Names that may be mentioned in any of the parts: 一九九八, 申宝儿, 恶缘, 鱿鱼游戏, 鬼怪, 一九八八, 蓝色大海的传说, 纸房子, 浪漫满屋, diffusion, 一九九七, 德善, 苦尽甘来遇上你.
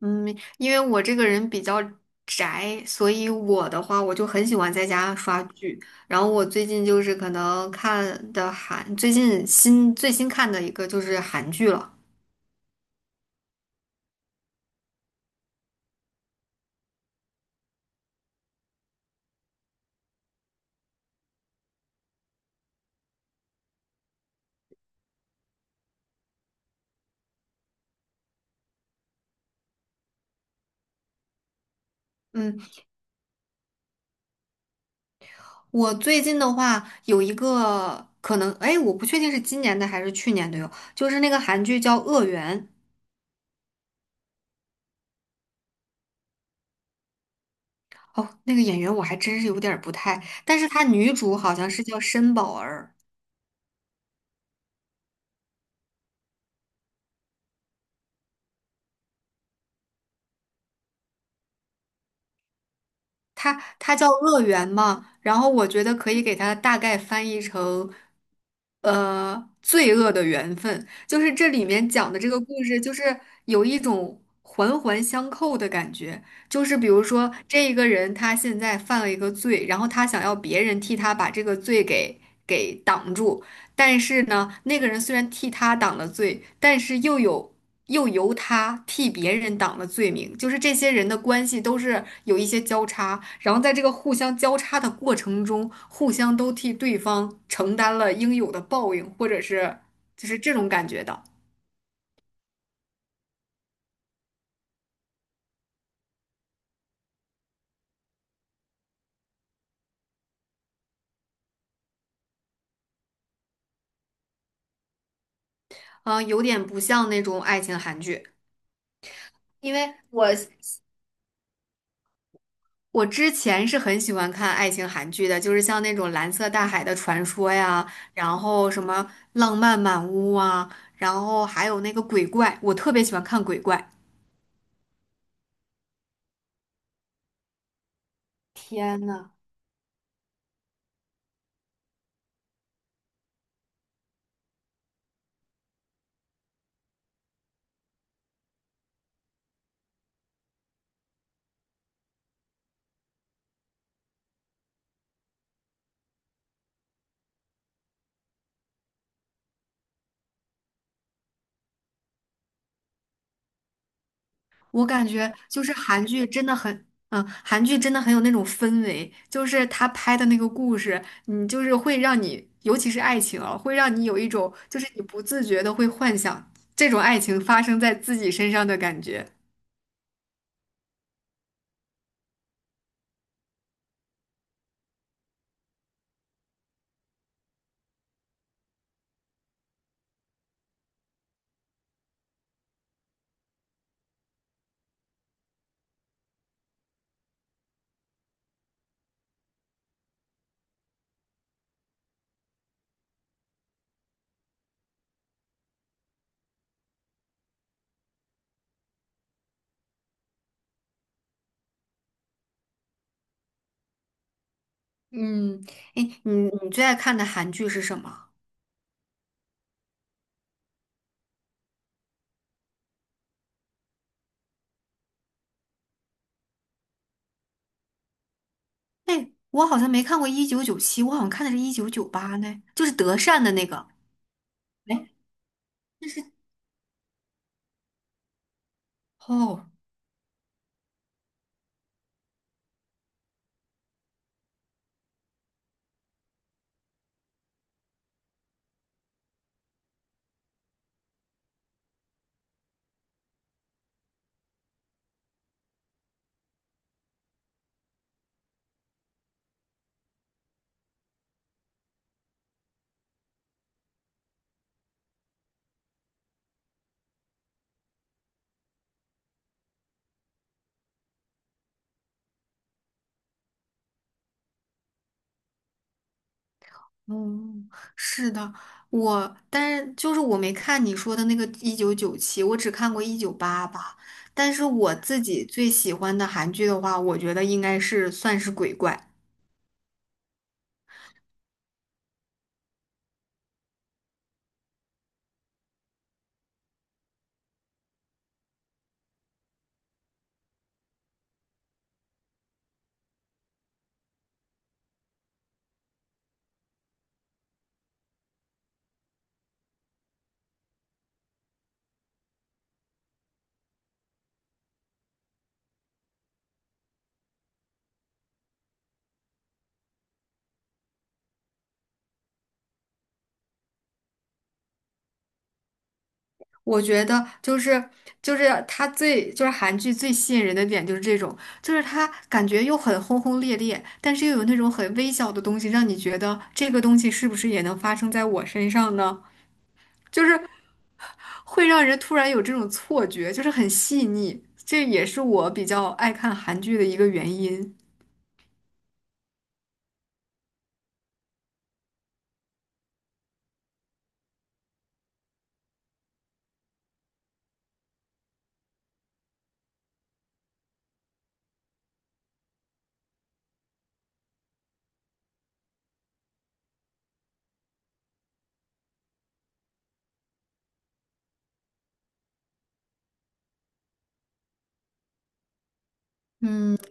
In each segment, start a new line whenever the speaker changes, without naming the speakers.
嗯，因为我这个人比较宅，所以我的话，我就很喜欢在家刷剧。然后我最近就是可能看的韩，最近最新看的一个就是韩剧了。嗯，我最近的话有一个可能，哎，我不确定是今年的还是去年的哟，就是那个韩剧叫《恶缘》。哦，那个演员我还真是有点儿不太，但是她女主好像是叫申宝儿。它它叫乐园嘛，然后我觉得可以给它大概翻译成，罪恶的缘分，就是这里面讲的这个故事，就是有一种环环相扣的感觉，就是比如说这一个人他现在犯了一个罪，然后他想要别人替他把这个罪给挡住，但是呢，那个人虽然替他挡了罪，但是又有。又由他替别人挡了罪名，就是这些人的关系都是有一些交叉，然后在这个互相交叉的过程中，互相都替对方承担了应有的报应，或者是就是这种感觉的。嗯、有点不像那种爱情韩剧，因为我之前是很喜欢看爱情韩剧的，就是像那种《蓝色大海的传说》呀，然后什么《浪漫满屋》啊，然后还有那个鬼怪，我特别喜欢看鬼怪。天呐！我感觉就是韩剧真的很有那种氛围，就是他拍的那个故事，你就是会让你，尤其是爱情啊，会让你有一种就是你不自觉的会幻想这种爱情发生在自己身上的感觉。嗯，哎，你最爱看的韩剧是什么？哎，我好像没看过《一九九七》，我好像看的是《1998》呢，就是德善的那个。哎，哦。哦，是的，但是就是我没看你说的那个一九九七，我只看过1988。但是我自己最喜欢的韩剧的话，我觉得应该是算是鬼怪。我觉得就是就是它最就是韩剧最吸引人的点就是这种，就是它感觉又很轰轰烈烈，但是又有那种很微小的东西，让你觉得这个东西是不是也能发生在我身上呢？就是会让人突然有这种错觉，就是很细腻。这也是我比较爱看韩剧的一个原因。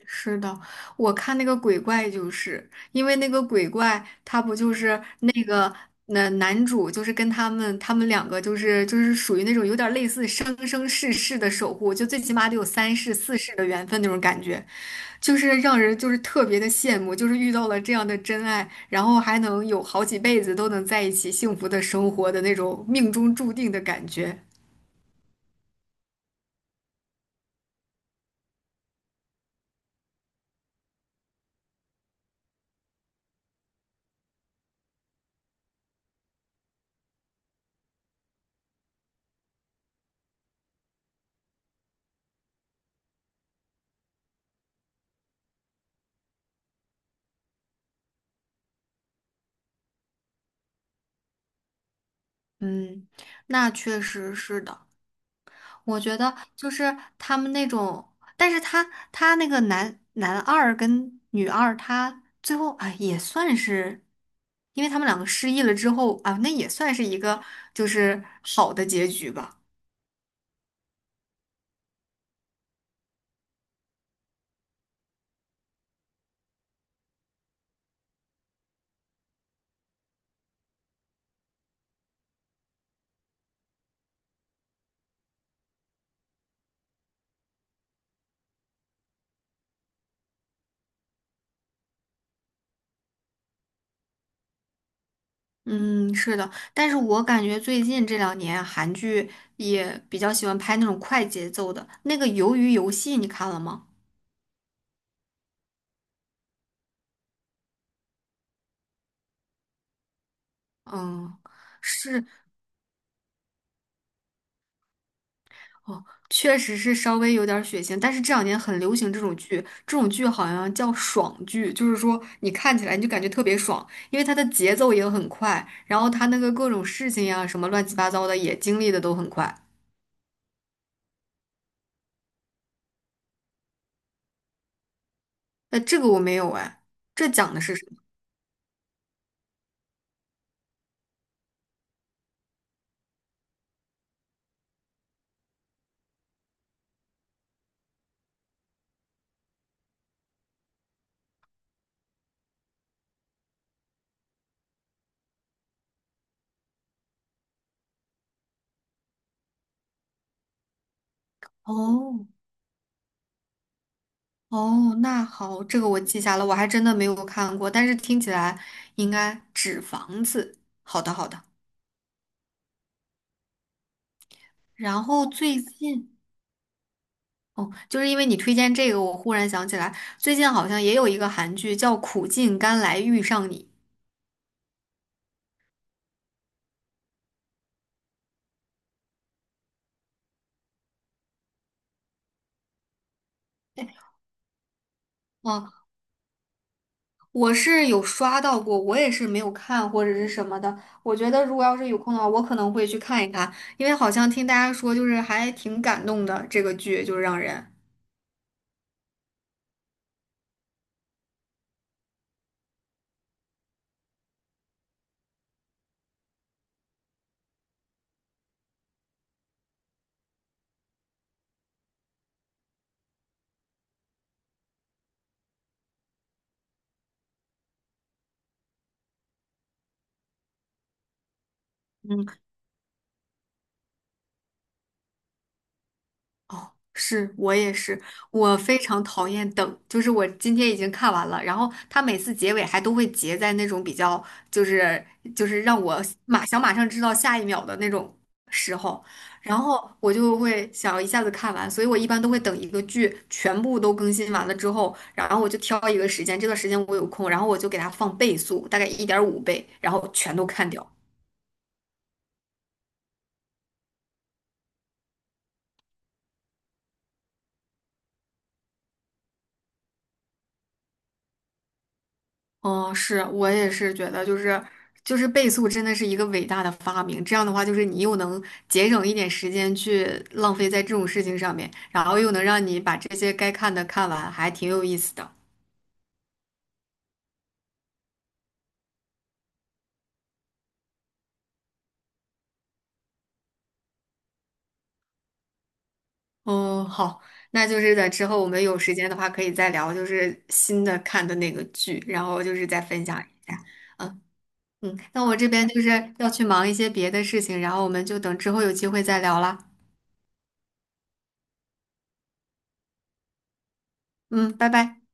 是的，我看那个鬼怪，就是因为那个鬼怪，他不就是那男主，就是跟他们两个，就是属于那种有点类似生生世世的守护，就最起码得有3世4世的缘分那种感觉。就是让人就是特别的羡慕，就是遇到了这样的真爱，然后还能有好几辈子都能在一起幸福的生活的那种命中注定的感觉。嗯，那确实是的。我觉得就是他们那种，但是他那个男二跟女二，他最后啊也算是，因为他们两个失忆了之后啊，那也算是一个就是好的结局吧。嗯，是的，但是我感觉最近这两年韩剧也比较喜欢拍那种快节奏的。那个《鱿鱼游戏》，你看了吗？嗯，是哦，确实是稍微有点儿血腥，但是这两年很流行这种剧，这种剧好像叫爽剧，就是说你看起来你就感觉特别爽，因为它的节奏也很快，然后它那个各种事情呀、什么乱七八糟的也经历的都很快。那这个我没有哎，这讲的是什么？哦哦，那好，这个我记下了，我还真的没有看过，但是听起来应该纸房子。好的，好的。然后最近，哦，就是因为你推荐这个，我忽然想起来，最近好像也有一个韩剧叫《苦尽甘来遇上你》。哎哦，我是有刷到过，我也是没有看或者是什么的。我觉得如果要是有空的话，我可能会去看一看，因为好像听大家说就是还挺感动的，这个剧就是让人。嗯。哦，是我也是，我非常讨厌等，就是我今天已经看完了，然后他每次结尾还都会结在那种比较，就是就是让我马上知道下一秒的那种时候，然后我就会想一下子看完，所以我一般都会等一个剧全部都更新完了之后，然后我就挑一个时间，这段时间我有空，然后我就给它放倍速，大概1.5倍，然后全都看掉。哦，是，我也是觉得，就是倍速真的是一个伟大的发明。这样的话，就是你又能节省一点时间去浪费在这种事情上面，然后又能让你把这些该看的看完，还挺有意思的。哦，好，那就是在之后我们有时间的话，可以再聊，就是新的看的那个剧，然后就是再分享一下。嗯嗯，那我这边就是要去忙一些别的事情，然后我们就等之后有机会再聊啦。嗯，拜拜。